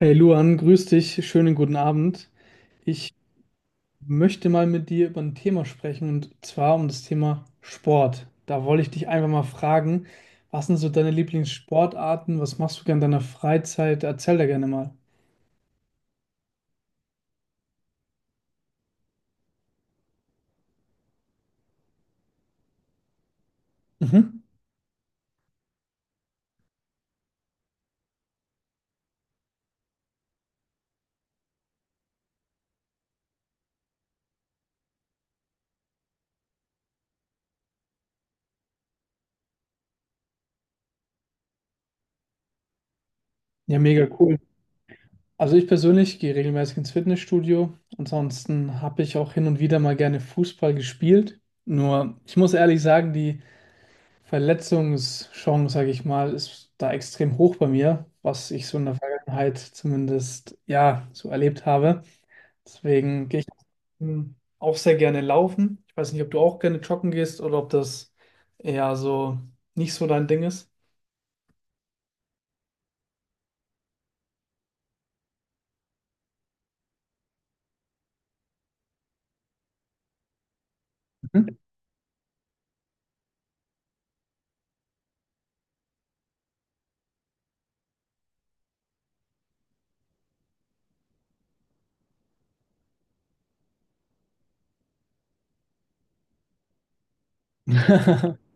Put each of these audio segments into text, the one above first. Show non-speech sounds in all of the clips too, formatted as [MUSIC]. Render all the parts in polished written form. Hey Luan, grüß dich, schönen guten Abend. Ich möchte mal mit dir über ein Thema sprechen und zwar um das Thema Sport. Da wollte ich dich einfach mal fragen, was sind so deine Lieblingssportarten? Was machst du gerne in deiner Freizeit? Erzähl da gerne mal. Mhm. Ja, mega cool. Also ich persönlich gehe regelmäßig ins Fitnessstudio. Ansonsten habe ich auch hin und wieder mal gerne Fußball gespielt. Nur, ich muss ehrlich sagen, die Verletzungschance, sage ich mal, ist da extrem hoch bei mir, was ich so in der Vergangenheit zumindest ja so erlebt habe. Deswegen gehe ich auch sehr gerne laufen. Ich weiß nicht, ob du auch gerne joggen gehst oder ob das eher so nicht so dein Ding ist. Mhm. [LAUGHS]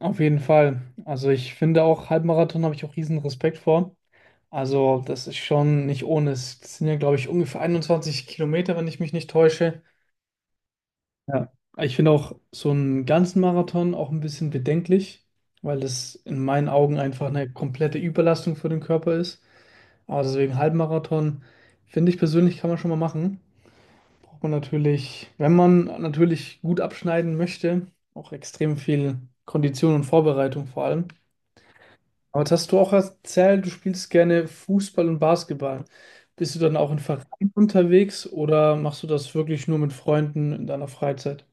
Auf jeden Fall. Also ich finde auch Halbmarathon, habe ich auch riesen Respekt vor. Also das ist schon nicht ohne. Es sind ja, glaube ich, ungefähr 21 Kilometer, wenn ich mich nicht täusche. Ja, ich finde auch so einen ganzen Marathon auch ein bisschen bedenklich, weil das in meinen Augen einfach eine komplette Überlastung für den Körper ist. Aber deswegen Halbmarathon, finde ich persönlich, kann man schon mal machen. Braucht man natürlich, wenn man natürlich gut abschneiden möchte, auch extrem viel Kondition und Vorbereitung vor allem. Aber jetzt hast du auch erzählt, du spielst gerne Fußball und Basketball. Bist du dann auch in Vereinen unterwegs oder machst du das wirklich nur mit Freunden in deiner Freizeit?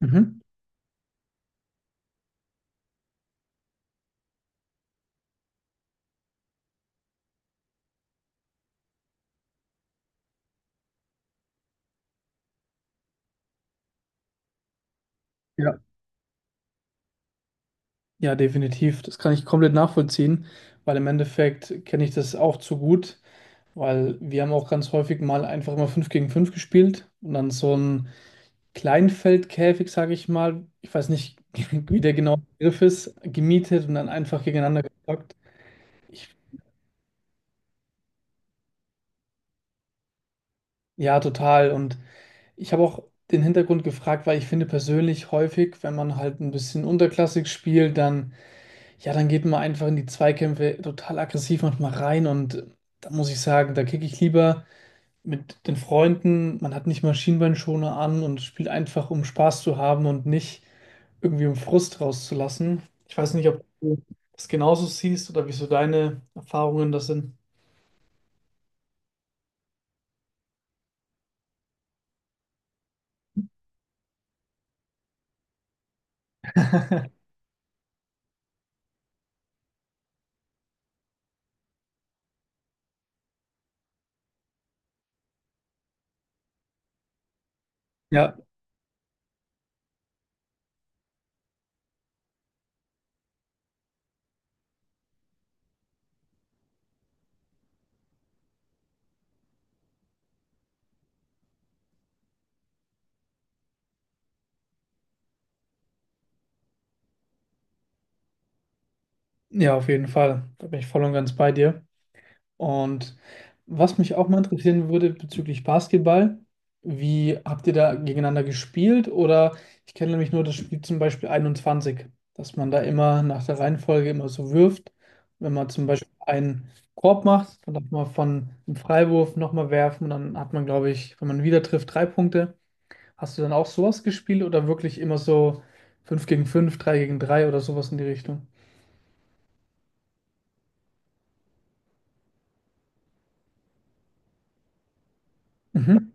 Mhm. Ja. Ja, definitiv. Das kann ich komplett nachvollziehen, weil im Endeffekt kenne ich das auch zu gut, weil wir haben auch ganz häufig mal einfach immer 5 gegen 5 gespielt und dann so ein Kleinfeldkäfig, sage ich mal, ich weiß nicht, [LAUGHS] wie der genaue Begriff ist, gemietet und dann einfach gegeneinander gezockt. Ich, ja, total. Und ich habe auch den Hintergrund gefragt, weil ich finde persönlich häufig, wenn man halt ein bisschen unterklassig spielt, dann, ja, dann geht man einfach in die Zweikämpfe total aggressiv manchmal rein und da muss ich sagen, da kicke ich lieber mit den Freunden. Man hat nicht Maschinenbeinschoner an und spielt einfach, um Spaß zu haben und nicht irgendwie um Frust rauszulassen. Ich weiß nicht, ob du das genauso siehst oder wieso deine Erfahrungen das sind. [LAUGHS] Ja, ja, auf jeden Fall. Da bin ich voll und ganz bei dir. Und was mich auch mal interessieren würde bezüglich Basketball, wie habt ihr da gegeneinander gespielt? Oder ich kenne nämlich nur das Spiel zum Beispiel 21, dass man da immer nach der Reihenfolge immer so wirft. Wenn man zum Beispiel einen Korb macht, dann darf man von einem Freiwurf nochmal werfen und dann hat man, glaube ich, wenn man wieder trifft, drei Punkte. Hast du dann auch sowas gespielt oder wirklich immer so 5 gegen 5, 3 gegen 3 oder sowas in die Richtung? Mhm.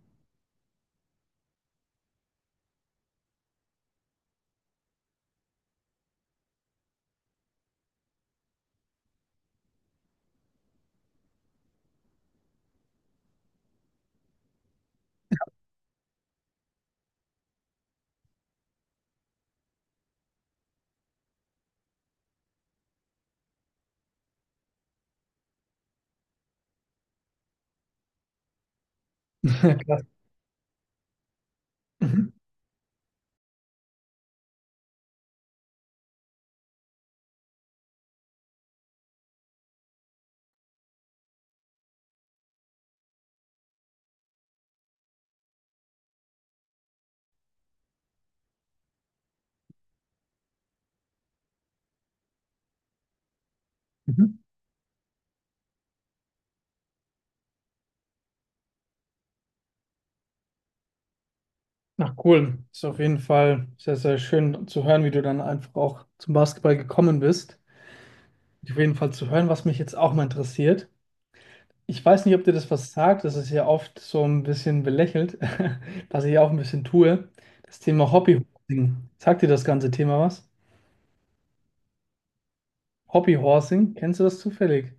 [LAUGHS] Krass. Mhm. Na cool, ist auf jeden Fall sehr, sehr schön zu hören, wie du dann einfach auch zum Basketball gekommen bist. Auf jeden Fall zu hören, was mich jetzt auch mal interessiert. Ich weiß nicht, ob dir das was sagt, das ist ja oft so ein bisschen belächelt, [LAUGHS] was ich auch ein bisschen tue. Das Thema Hobbyhorsing. Sagt dir das ganze Thema was? Hobbyhorsing, kennst du das zufällig?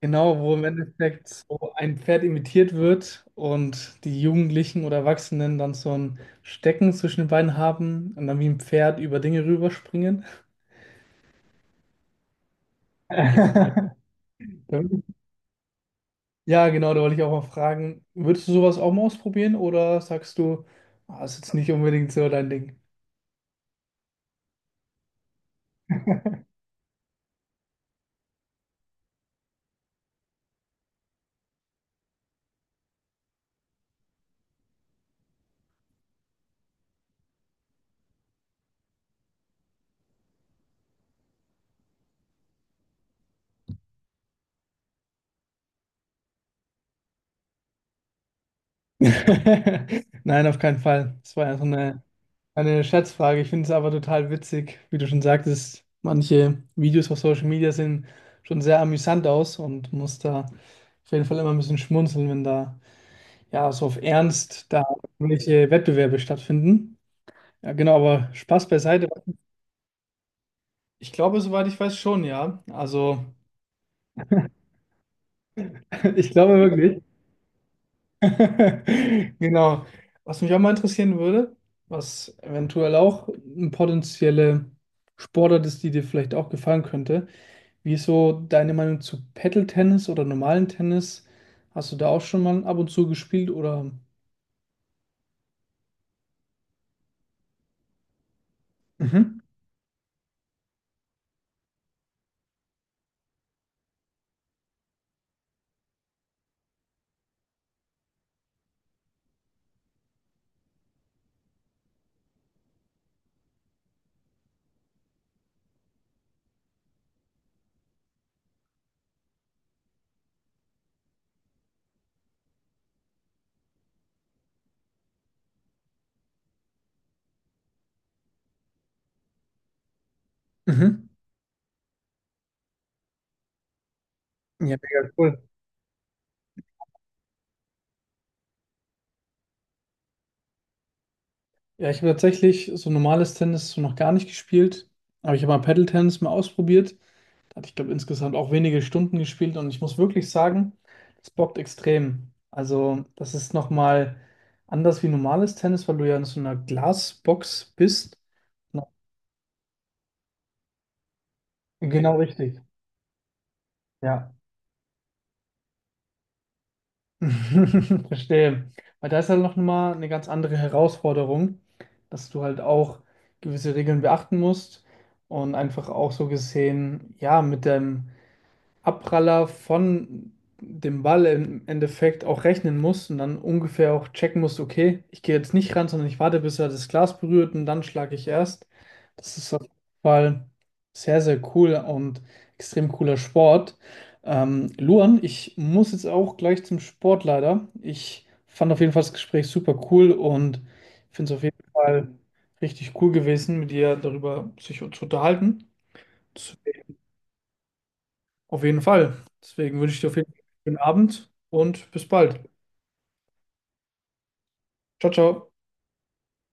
Genau, wo im Endeffekt so ein Pferd imitiert wird und die Jugendlichen oder Erwachsenen dann so ein Stecken zwischen den Beinen haben und dann wie ein Pferd über Dinge rüberspringen. [LAUGHS] [LAUGHS] Ja, genau, da wollte ich auch mal fragen, würdest du sowas auch mal ausprobieren oder sagst du, ah, ist jetzt nicht unbedingt so dein Ding? [LAUGHS] Nein, auf keinen Fall. Das war ja so eine Scherzfrage. Ich finde es aber total witzig, wie du schon sagtest, manche Videos auf Social Media sehen schon sehr amüsant aus und muss da auf jeden Fall immer ein bisschen schmunzeln, wenn da ja so auf Ernst da irgendwelche Wettbewerbe stattfinden. Ja, genau, aber Spaß beiseite. Ich glaube, soweit ich weiß, schon, ja. Also. [LAUGHS] Ich glaube wirklich. [LAUGHS] Genau. Was mich auch mal interessieren würde, was eventuell auch eine potenzielle Sportart ist, die dir vielleicht auch gefallen könnte. Wie ist so deine Meinung zu Paddle-Tennis oder normalen Tennis? Hast du da auch schon mal ab und zu gespielt oder? Mhm. Mhm. Ja, mega cool. Ja, ich habe tatsächlich so normales Tennis so noch gar nicht gespielt, aber ich habe mal Paddle-Tennis mal ausprobiert. Da hatte ich, glaube, insgesamt auch wenige Stunden gespielt und ich muss wirklich sagen, das bockt extrem. Also, das ist nochmal anders wie normales Tennis, weil du ja in so einer Glasbox bist. Na, genau richtig. Ja. [LAUGHS] Verstehe. Weil da ist halt noch mal eine ganz andere Herausforderung, dass du halt auch gewisse Regeln beachten musst und einfach auch so gesehen, ja, mit dem Abpraller von dem Ball im Endeffekt auch rechnen muss und dann ungefähr auch checken muss. Okay, ich gehe jetzt nicht ran, sondern ich warte, bis er das Glas berührt und dann schlage ich erst. Das ist auf jeden Fall sehr, sehr cool und extrem cooler Sport. Luan, ich muss jetzt auch gleich zum Sport leider. Ich fand auf jeden Fall das Gespräch super cool und finde es auf jeden Fall richtig cool gewesen, mit dir darüber sich zu unterhalten. Auf jeden Fall. Deswegen wünsche ich dir auf jeden Fall einen schönen Abend und bis bald. Ciao, ciao.